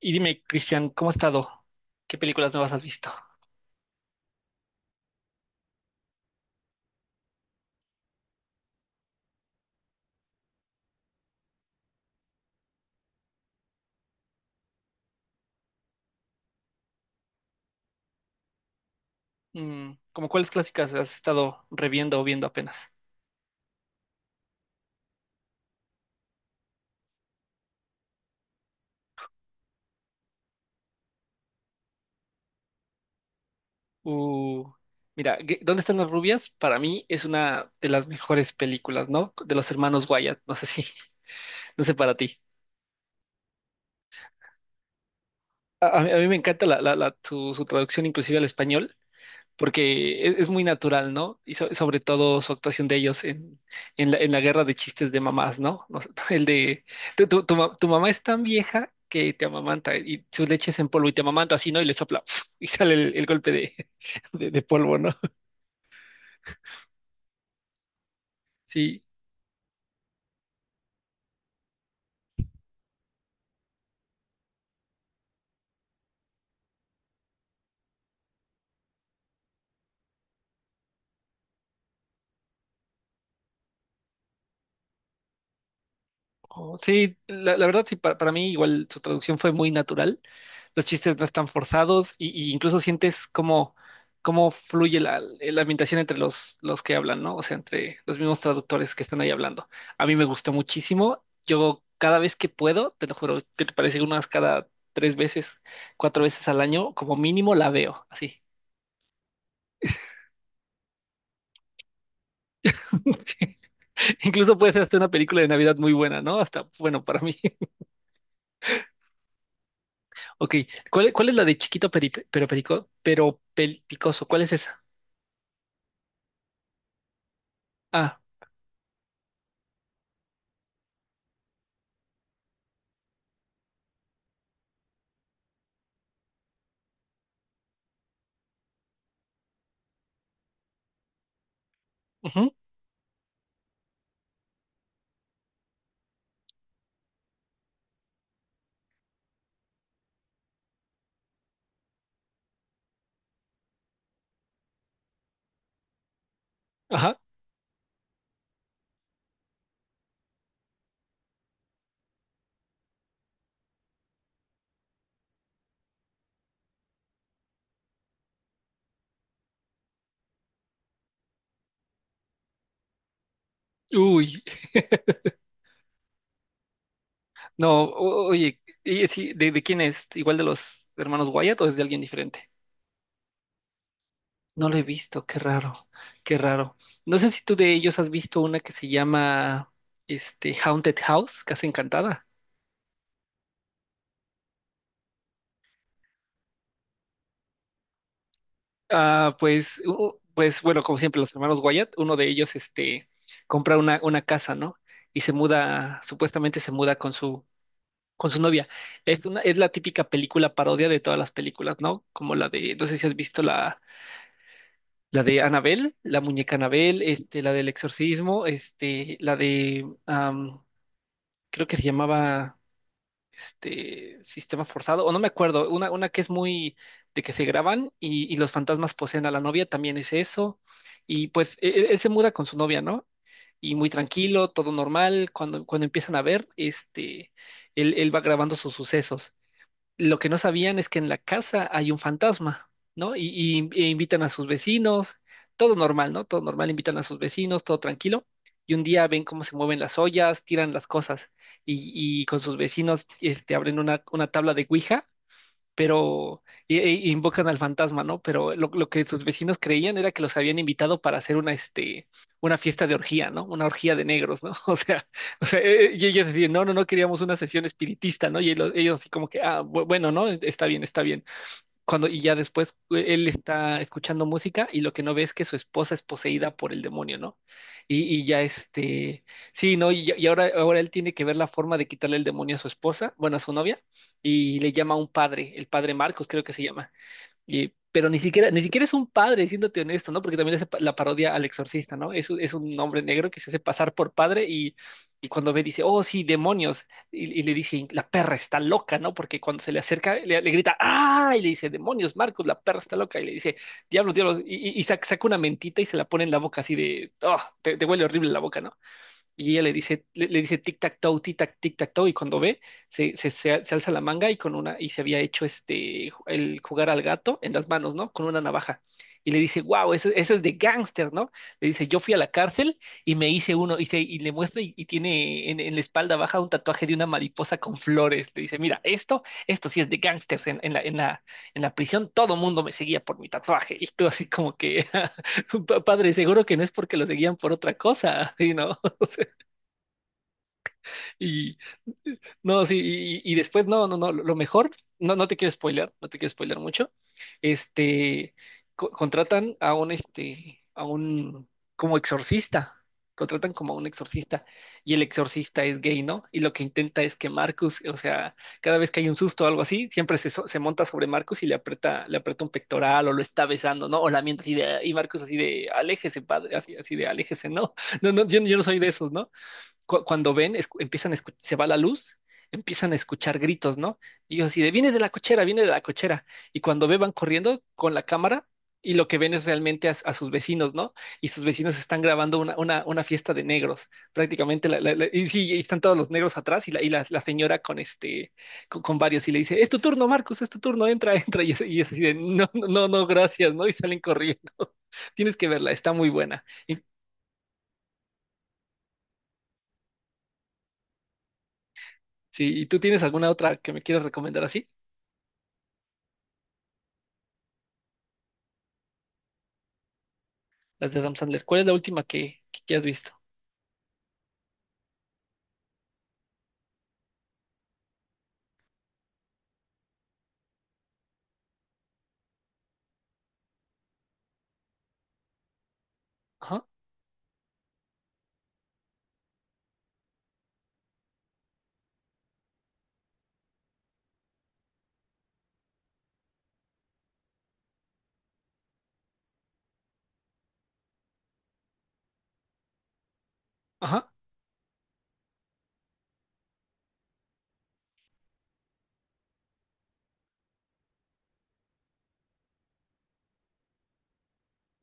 Y dime, Cristian, ¿cómo has estado? ¿Qué películas nuevas has visto? Mm, ¿cómo cuáles clásicas has estado reviendo o viendo apenas? Uh, mira, ¿dónde están las rubias? Para mí es una de las mejores películas, ¿no? De los hermanos Wyatt, no sé si, no sé para ti. A mí me encanta su, su traducción inclusive al español. Porque es muy natural, ¿no? Y sobre todo su actuación de ellos en en la guerra de chistes de mamás, ¿no? No sé, el de, tu mamá es tan vieja que te amamanta y su leche es en polvo y te amamanta así, ¿no? Y le sopla y sale el golpe de, de polvo, ¿no? Sí. Oh, sí, la verdad sí, para mí igual su traducción fue muy natural, los chistes no están forzados y incluso sientes cómo, cómo fluye la ambientación entre los que hablan, ¿no? O sea, entre los mismos traductores que están ahí hablando. A mí me gustó muchísimo, yo cada vez que puedo, te lo juro, que te parece unas cada tres veces, cuatro veces al año, como mínimo la veo, así. Sí. Incluso puede ser hasta una película de Navidad muy buena, ¿no? Hasta, bueno, para mí. Ok, ¿cuál es la de chiquito peri- pero perico, pero pel- picoso? ¿Cuál es esa? Ah, ujú, ajá. Uy, no, oye, y sí, ¿de quién es? ¿Igual de los hermanos Wyatt o es de alguien diferente? No lo he visto, qué raro, qué raro. No sé si tú de ellos has visto una que se llama este Haunted House, Casa Encantada. Ah, pues, bueno, como siempre, los hermanos Wyatt, uno de ellos este compra una casa, ¿no? Y se muda, supuestamente se muda con su novia. Es una, es la típica película parodia de todas las películas, ¿no? Como la de, no sé si has visto la, la de Annabelle, la muñeca Annabelle, este, la del exorcismo, este, la de, creo que se llamaba, este, Sistema Forzado, o no me acuerdo, una que es muy de que se graban y los fantasmas poseen a la novia, también es eso. Y pues él se muda con su novia, ¿no? Y muy tranquilo, todo normal. Cuando, cuando empiezan a ver, este, él va grabando sus sucesos. Lo que no sabían es que en la casa hay un fantasma, ¿no? E invitan a sus vecinos, todo normal, ¿no? Todo normal, invitan a sus vecinos, todo tranquilo. Y un día ven cómo se mueven las ollas, tiran las cosas y, y con sus vecinos este, abren una tabla de Ouija pero y invocan al fantasma, ¿no? Pero lo que sus vecinos creían era que los habían invitado para hacer una, este, una fiesta de orgía, ¿no? Una orgía de negros, ¿no? O sea, y ellos decían, no, no, no queríamos una sesión espiritista, ¿no? Y ellos así como que, ah, bueno, ¿no? Está bien, está bien. Cuando, y ya después él está escuchando música y lo que no ve es que su esposa es poseída por el demonio, ¿no? Y ya este, sí, ¿no? Y, y ahora, ahora él tiene que ver la forma de quitarle el demonio a su esposa, bueno, a su novia, y le llama a un padre, el padre Marcos creo que se llama. Y, pero ni siquiera, ni siquiera es un padre, siéndote honesto, ¿no? Porque también es la parodia al exorcista, ¿no? Es, es un hombre negro que se hace pasar por padre y cuando ve dice, oh, sí, demonios. Y le dice, la perra está loca, ¿no? Porque cuando se le acerca, le grita, ¡ah! Y le dice, demonios, Marcos, la perra está loca. Y le dice, diablos, diablos. Y saca una mentita y se la pone en la boca así de, oh, te huele horrible la boca, ¿no? Y ella le dice, le dice tic-tac-toe, tic-tac, tic-tac-toe, y cuando ve, se, se alza la manga y con una, y se había hecho este, el jugar al gato en las manos, ¿no? Con una navaja. Y le dice, wow, eso es de gángster, ¿no? Le dice, yo fui a la cárcel y me hice uno, y, se, y le muestra y tiene en la espalda baja un tatuaje de una mariposa con flores. Le dice, mira, esto sí es de gángsters en la, en la, en la prisión, todo mundo me seguía por mi tatuaje. Y tú así como que, padre, seguro que no es porque lo seguían por otra cosa, ¿sí, no? Y no, sí, y después, no, no, no, lo mejor, no, no te quiero spoiler, no te quiero spoiler mucho. Este, contratan a un, este, a un, como exorcista, contratan como a un exorcista, y el exorcista es gay, ¿no? Y lo que intenta es que Marcus, o sea, cada vez que hay un susto o algo así, siempre se, se monta sobre Marcus y le aprieta un pectoral o lo está besando, ¿no? O la miente así de, y Marcus así de, aléjese, padre, así, así de, aléjese, ¿no? No, no, yo no soy de esos, ¿no? cu- cuando ven, empiezan a se va la luz, empiezan a escuchar gritos, ¿no? Y yo así de, viene de la cochera, viene de la cochera. Y cuando ve, van corriendo con la cámara y lo que ven es realmente a sus vecinos, ¿no? Y sus vecinos están grabando una fiesta de negros, prácticamente. Y sí, y están todos los negros atrás y la, la señora con este, con varios y le dice, es tu turno, Marcus, es tu turno, entra, entra. Y es así de, no, no, no, no, gracias, ¿no? Y salen corriendo. Tienes que verla, está muy buena. Y, sí, ¿y tú tienes alguna otra que me quieras recomendar así? Las de Adam Sandler. ¿Cuál es la última que has visto? Ajá, ajá,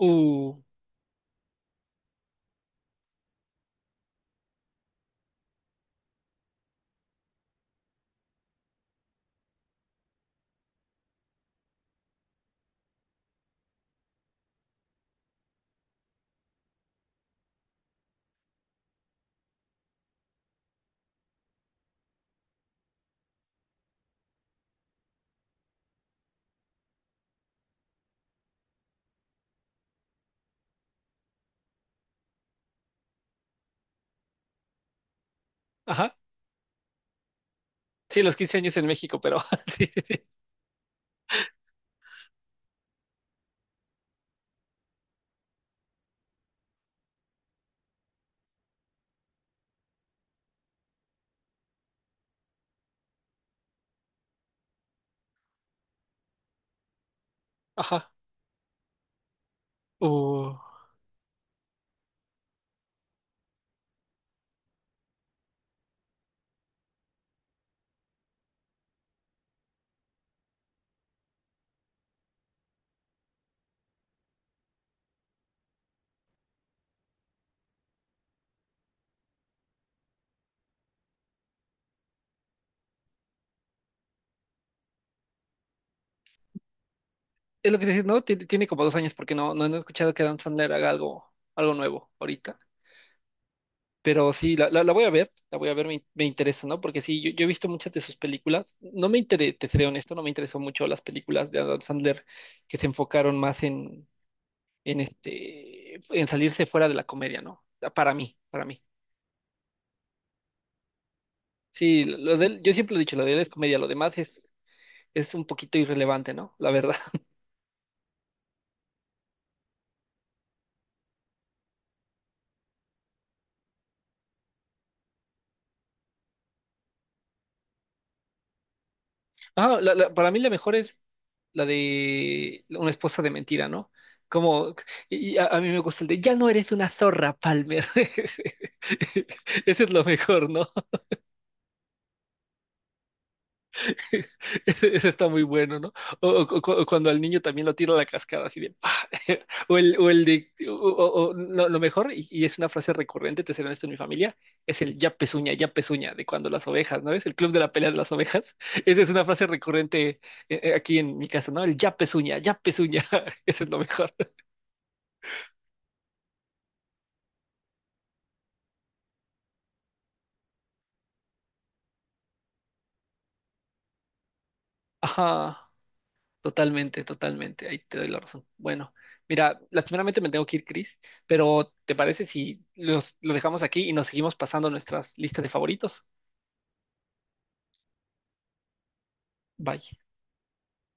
uh, ajá. Sí, los 15 años en México, pero sí, sí, sí. Ajá, uh. Es lo que te decía, ¿no? Tiene, tiene como dos años porque no, no, no he escuchado que Adam Sandler haga algo, algo nuevo ahorita. Pero sí, la voy a ver, la voy a ver, me interesa, ¿no? Porque sí, yo he visto muchas de sus películas. No me interesa, te seré honesto, no me interesó mucho las películas de Adam Sandler que se enfocaron más en este, en salirse fuera de la comedia, ¿no? Para mí, para mí. Sí, lo de él, yo siempre lo he dicho, lo de él es comedia, lo demás es un poquito irrelevante, ¿no? La verdad. Ah, para mí la mejor es la de una esposa de mentira, ¿no? Como, y a mí me gusta el de, ya no eres una zorra, Palmer. Ese es lo mejor, ¿no? Ese ese está muy bueno, ¿no? O, o o cuando al niño también lo tira a la cascada, así de ¡pah! O el de. O, o lo mejor, y es una frase recurrente, te seré honesto en mi familia, es el ya pezuña, de cuando las ovejas, ¿no? Es el club de la pelea de las ovejas. Esa es una frase recurrente aquí en mi casa, ¿no? El ya pezuña, ya pezuña. Ese es lo mejor. Ajá. Totalmente, totalmente. Ahí te doy la razón. Bueno, mira, lastimeramente me tengo que ir, Chris, pero ¿te parece si los, lo dejamos aquí y nos seguimos pasando nuestras listas de favoritos? Bye.